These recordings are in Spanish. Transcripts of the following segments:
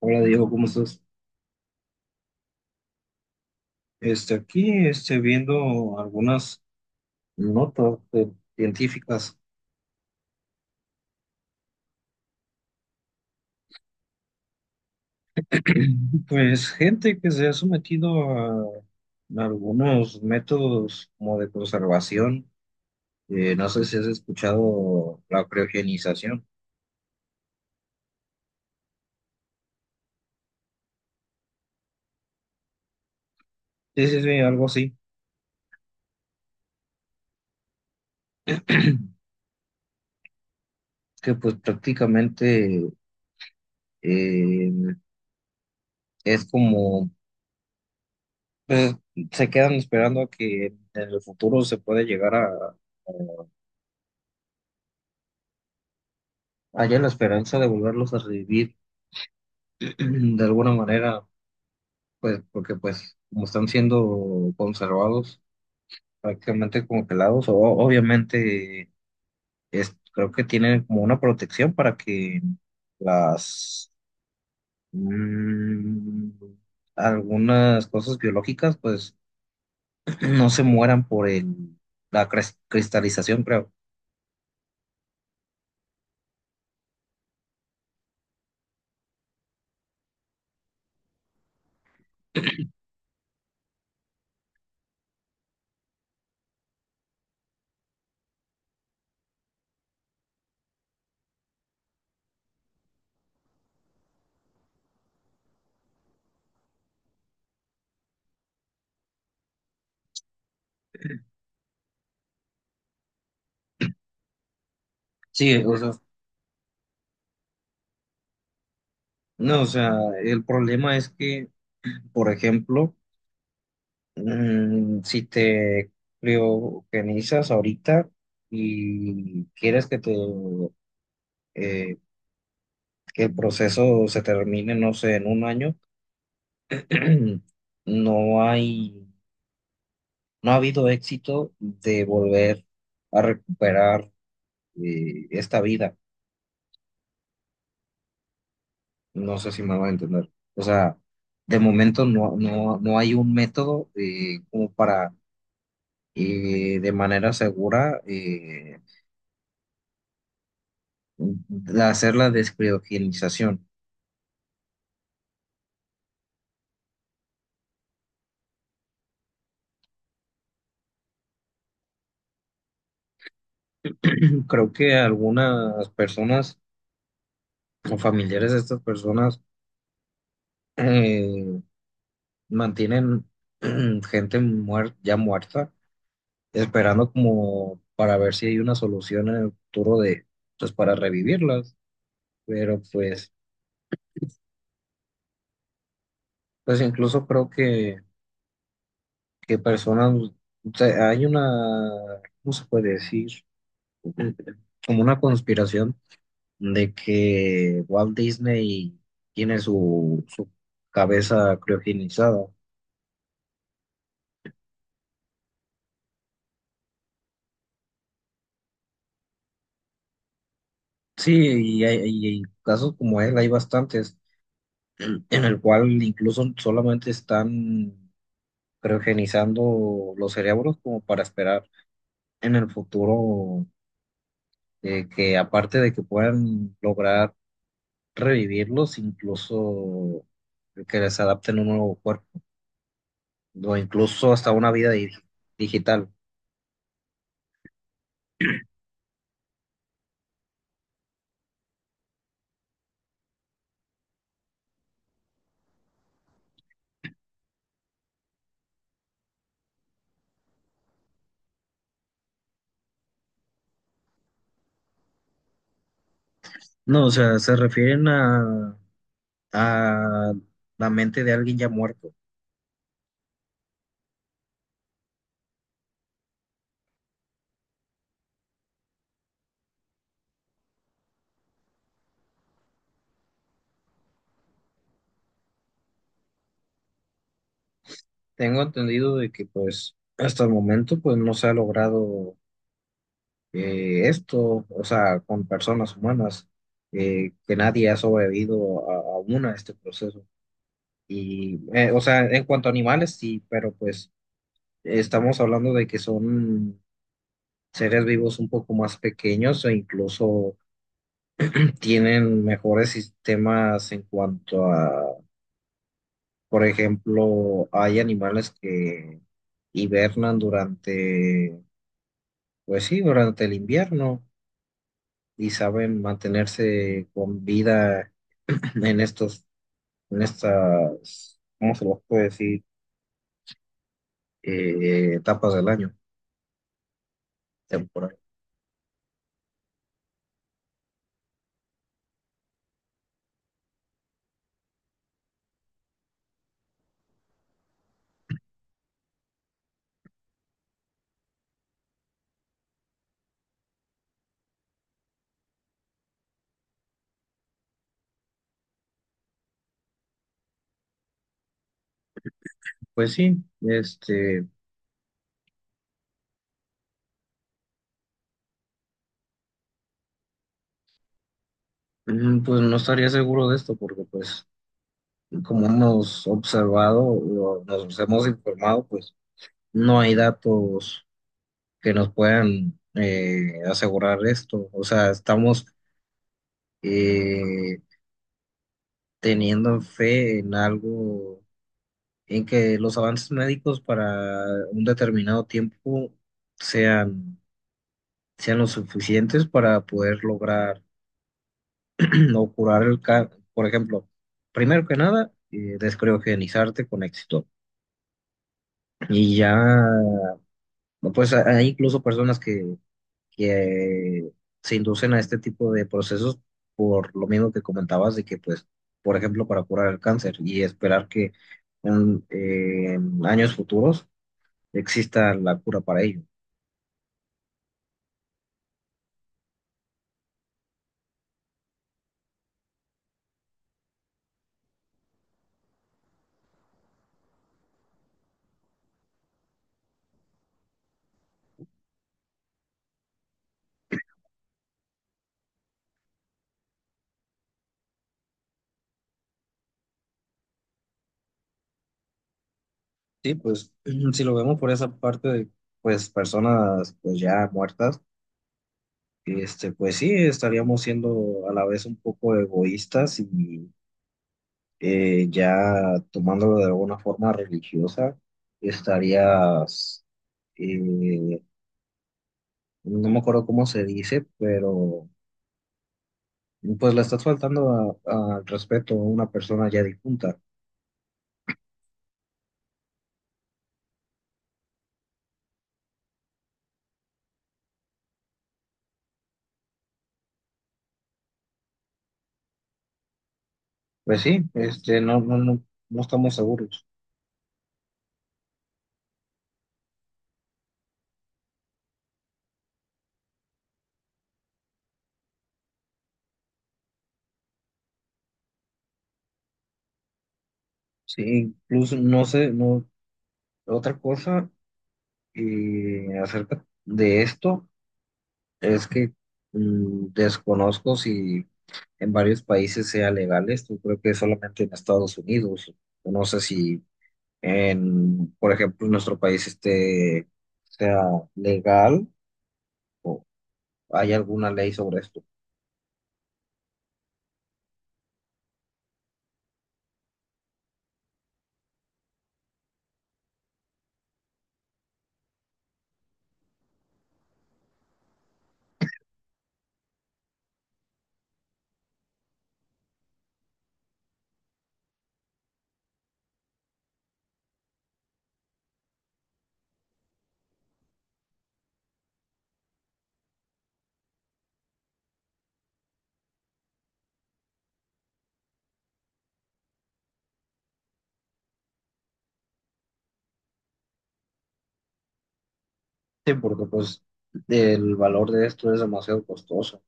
Hola Diego, ¿cómo estás? Aquí viendo algunas notas científicas. Pues gente que se ha sometido a algunos métodos como de conservación. No sé si has escuchado la criogenización. Sí, sí, sí, algo así. Que pues prácticamente eh, es como, pues se quedan esperando a que en el futuro se pueda llegar haya la esperanza de volverlos a revivir de alguna manera, pues, porque pues como están siendo conservados prácticamente como pelados, o, obviamente es, creo que tienen como una protección para que las mm, algunas cosas biológicas pues no se mueran por la cristalización, creo. Sí, o sea, no, o sea, el problema es que, por ejemplo, si te lo organizas ahorita y quieres que te eh, que el proceso se termine, no sé, en un año, no hay, no ha habido éxito de volver a recuperar esta vida. No sé si me va a entender. O sea, de momento no, no, no hay un método como para de manera segura de hacer la descriogenización. Creo que algunas personas o familiares de estas personas eh, mantienen gente ya muerta, esperando como para ver si hay una solución en el futuro de, pues para revivirlas. Pero pues, pues incluso creo que personas, o sea, hay una, ¿cómo se puede decir? Como una conspiración de que Walt Disney tiene su, su cabeza criogenizada. Sí, y hay casos como él, hay bastantes, en el cual incluso solamente están criogenizando los cerebros como para esperar en el futuro que aparte de que puedan lograr revivirlos, incluso que les adapten un nuevo cuerpo, o incluso hasta una vida digital. No, o sea, se refieren a la mente de alguien ya muerto. Tengo entendido de que pues hasta el momento pues no se ha logrado esto, o sea, con personas humanas, que nadie ha sobrevivido a una a este proceso. Y, o sea, en cuanto a animales, sí, pero pues estamos hablando de que son seres vivos un poco más pequeños e incluso tienen mejores sistemas en cuanto a, por ejemplo, hay animales que hibernan durante pues sí, durante el invierno y saben mantenerse con vida en estos, en estas, ¿cómo se los puede decir? Etapas del año, temporal. Pues sí, este, pues no estaría seguro de esto porque pues como hemos observado, o nos hemos informado, pues no hay datos que nos puedan asegurar esto. O sea, estamos eh, teniendo fe en algo en que los avances médicos para un determinado tiempo sean, sean lo suficientes para poder lograr o curar el cáncer. Por ejemplo, primero que nada, descriogenizarte con éxito. Y ya, pues hay incluso personas que se inducen a este tipo de procesos por lo mismo que comentabas de que, pues, por ejemplo, para curar el cáncer y esperar que en en años futuros exista la cura para ello. Sí, pues si lo vemos por esa parte de pues personas pues ya muertas, este pues sí estaríamos siendo a la vez un poco egoístas y ya tomándolo de alguna forma religiosa, estarías eh, no me acuerdo cómo se dice, pero pues le estás faltando al respeto a una persona ya difunta. Pues sí, este no, no, no, no estamos seguros. Sí, incluso no sé, no otra cosa y acerca de esto es que desconozco si en varios países sea legal esto, creo que solamente en Estados Unidos, no sé si en, por ejemplo, en nuestro país este sea legal o hay alguna ley sobre esto. Sí, porque pues el valor de esto es demasiado costoso.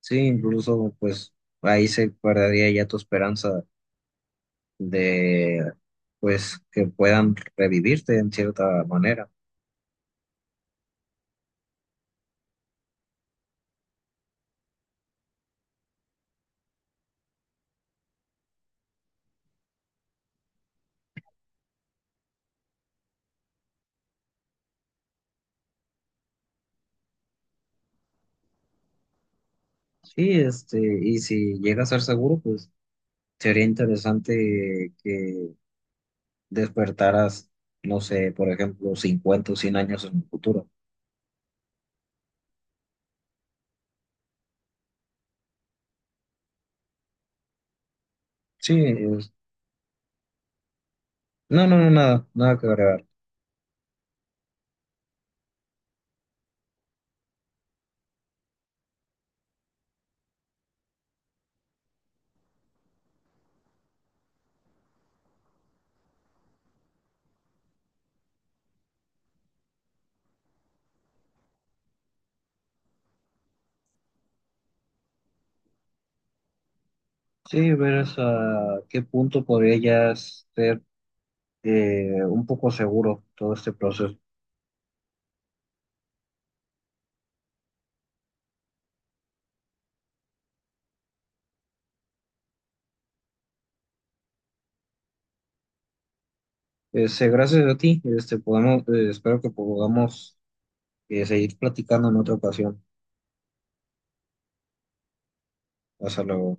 Sí, incluso pues ahí se perdería ya tu esperanza de, pues, que puedan revivirte en cierta manera. Sí, este, y si llega a ser seguro, pues sería interesante que despertaras, no sé, por ejemplo, 50 o 100 años en el futuro. Sí, es- no, no, no, nada, nada que agregar. Sí, ver hasta qué punto podría ya ser un poco seguro todo este proceso. Este, gracias a ti, este, podemos, espero que podamos seguir platicando en otra ocasión. Hasta luego.